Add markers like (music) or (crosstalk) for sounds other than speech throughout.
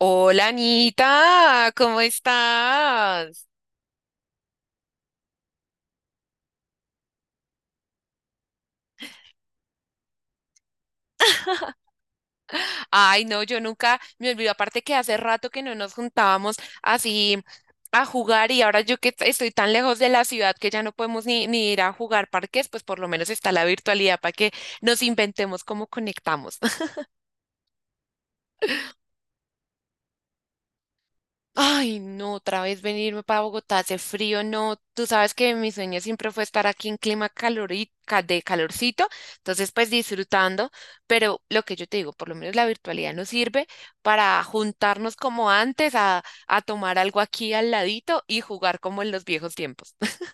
Hola Anita, ¿cómo estás? Ay, no, yo nunca me olvido, aparte que hace rato que no nos juntábamos así a jugar, y ahora yo que estoy tan lejos de la ciudad que ya no podemos ni ir a jugar parques, pues por lo menos está la virtualidad para que nos inventemos cómo conectamos. Ay, no, otra vez venirme para Bogotá, hace frío, no. Tú sabes que mi sueño siempre fue estar aquí en clima calorica, de calorcito, entonces pues disfrutando, pero lo que yo te digo, por lo menos la virtualidad nos sirve para juntarnos como antes a tomar algo aquí al ladito y jugar como en los viejos tiempos. (laughs)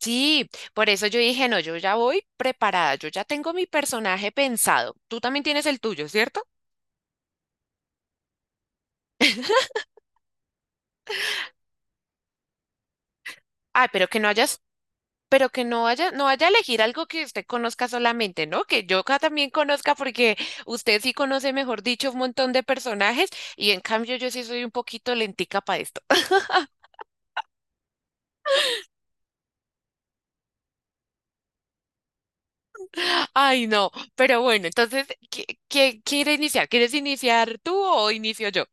Sí, por eso yo dije, no, yo ya voy preparada, yo ya tengo mi personaje pensado. Tú también tienes el tuyo, ¿cierto? Ay, pero que no hayas, pero que no vaya, no vaya a elegir algo que usted conozca solamente, ¿no? Que yo acá también conozca, porque usted sí conoce, mejor dicho, un montón de personajes, y en cambio yo sí soy un poquito lentica para esto. (laughs) Ay, no, pero bueno, entonces, ¿qué quiere iniciar? ¿Quieres iniciar tú o inicio yo?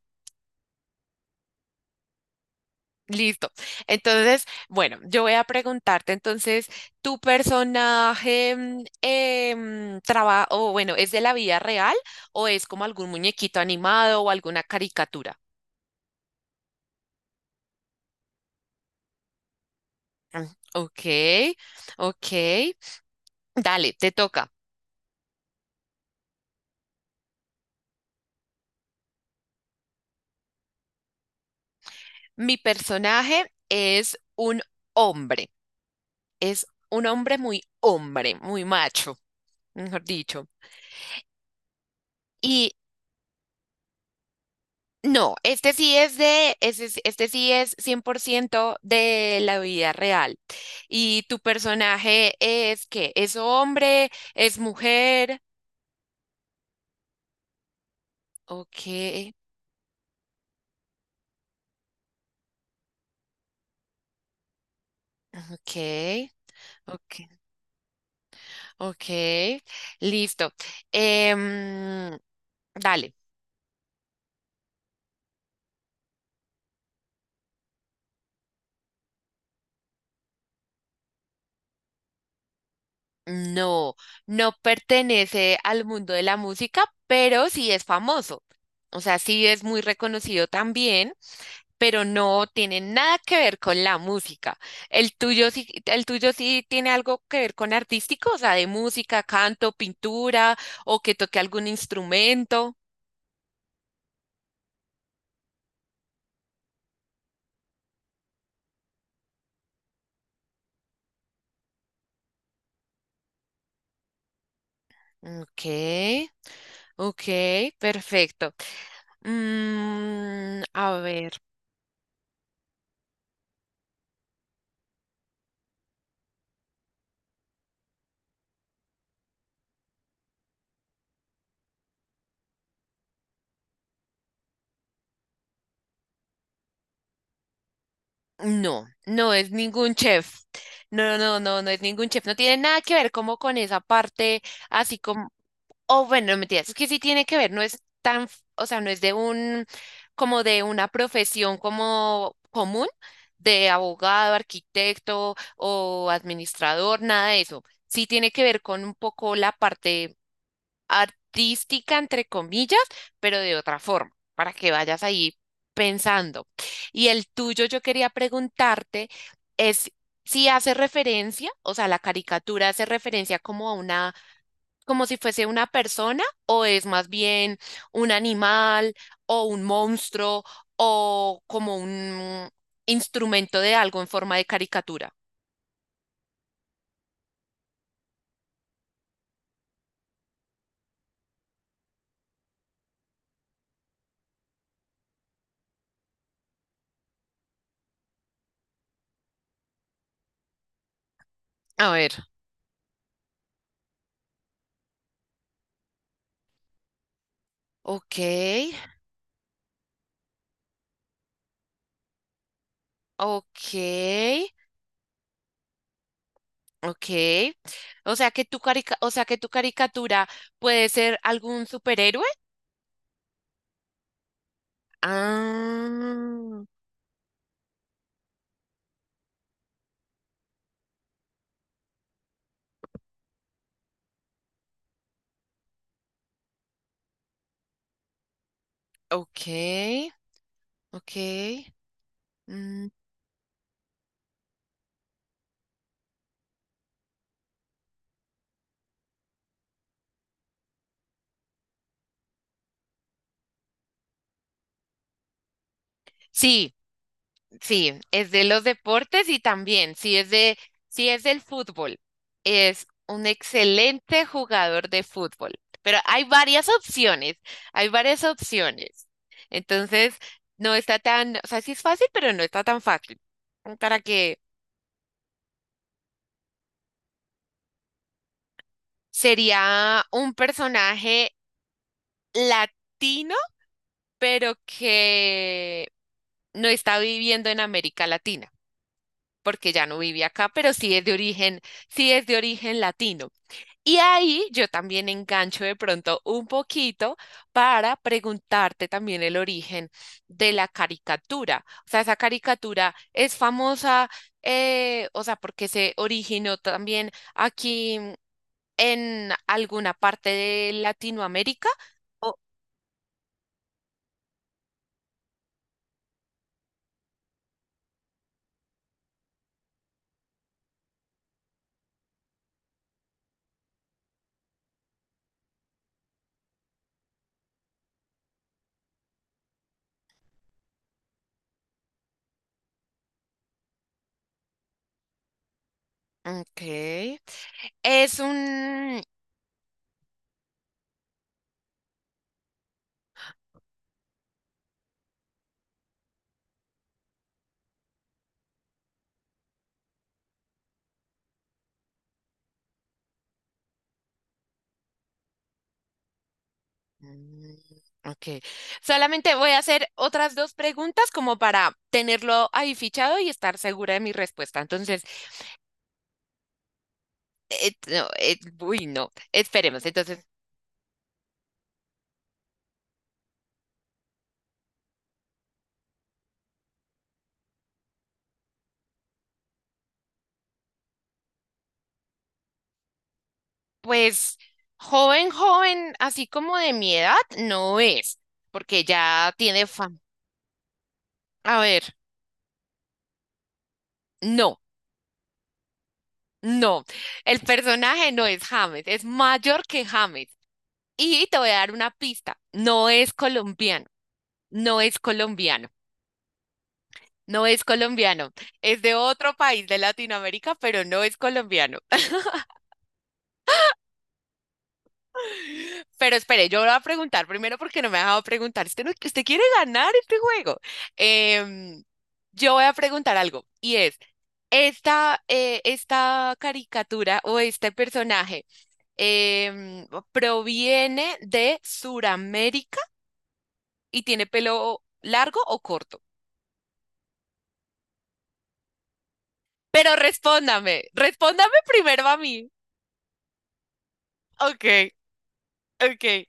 Listo. Entonces, bueno, yo voy a preguntarte, entonces, ¿tu personaje o bueno, es de la vida real o es como algún muñequito animado o alguna caricatura? Ah, ok, ok. Dale, te toca. Mi personaje es un hombre. Es un hombre, muy macho, mejor dicho. Y no, este sí es de, ese es- este sí es 100% de la vida real. ¿Y tu personaje es qué? ¿Es hombre? ¿Es mujer? Ok, ok, ok, ok. Listo. Em, Dale. No, no pertenece al mundo de la música, pero sí es famoso. O sea, sí es muy reconocido también, pero no tiene nada que ver con la música. El tuyo sí tiene algo que ver con artístico, o sea, de música, canto, pintura, o que toque algún instrumento. Ok, ok, perfecto. Mm, a ver. No, no es ningún chef. No, no, no, no es ningún chef. No tiene nada que ver como con esa parte, así como, oh, bueno, no mentiras, es que sí tiene que ver, no es tan, o sea, no es de un, como de una profesión como común, de abogado, arquitecto o administrador, nada de eso. Sí tiene que ver con un poco la parte artística, entre comillas, pero de otra forma, para que vayas ahí pensando. Y el tuyo, yo quería preguntarte, es si hace referencia, o sea, la caricatura hace referencia como a una, como si fuese una persona, o es más bien un animal, o un monstruo, o como un instrumento de algo en forma de caricatura. A ver, ok, ok, ok. O sea que tu carica, o sea que tu caricatura puede ser algún superhéroe. Ah, ok, ok. Mm, sí, sí, es de los deportes y también, sí es de, sí es del fútbol, es un excelente jugador de fútbol. Pero hay varias opciones, hay varias opciones. Entonces, no está tan, o sea, sí es fácil, pero no está tan fácil. Para que sería un personaje latino, pero que no está viviendo en América Latina, porque ya no vive acá, pero sí es de origen, sí es de origen latino. Y ahí yo también engancho de pronto un poquito para preguntarte también el origen de la caricatura. O sea, esa caricatura es famosa, o sea, porque se originó también aquí en alguna parte de Latinoamérica. O- ok. Es un... Mm, ok. Solamente voy a hacer otras dos preguntas como para tenerlo ahí fichado y estar segura de mi respuesta. Entonces, no, uy, no, esperemos. Entonces, pues joven, joven, así como de mi edad, no es, porque ya tiene fama. A ver, no, no. El personaje no es James, es mayor que James. Y te voy a dar una pista, no es colombiano, no es colombiano. No es colombiano, es de otro país de Latinoamérica, pero no es colombiano. (laughs) Pero espere, yo voy a preguntar primero porque no me ha dejado preguntar. Usted, no- usted quiere ganar este juego. Em, yo voy a preguntar algo y es, ¿esta, esta caricatura o este personaje em, proviene de Suramérica y tiene pelo largo o corto? Pero respóndame, respóndame primero a mí. Ok, ok,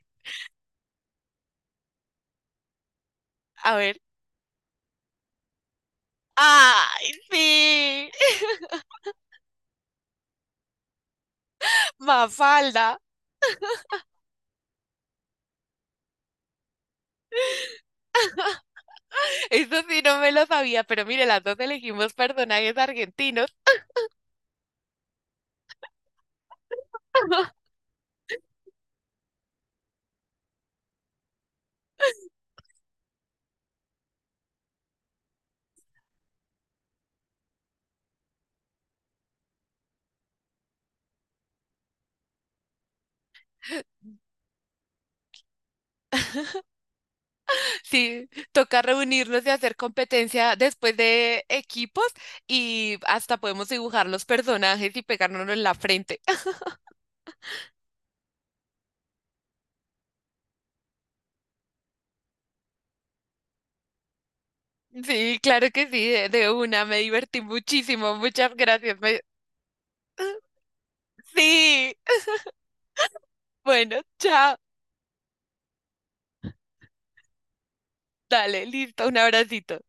a ver. ¡Ay, sí! Mafalda. Eso sí no me lo sabía, pero mire, las dos elegimos personajes argentinos. (laughs) Sí, toca reunirnos y hacer competencia después de equipos y hasta podemos dibujar los personajes y pegárnoslo en la frente. (laughs) Sí, claro que sí, de una. Me divertí muchísimo. Muchas gracias. Me- Sí. Bueno, chao. Dale, listo. Un abracito.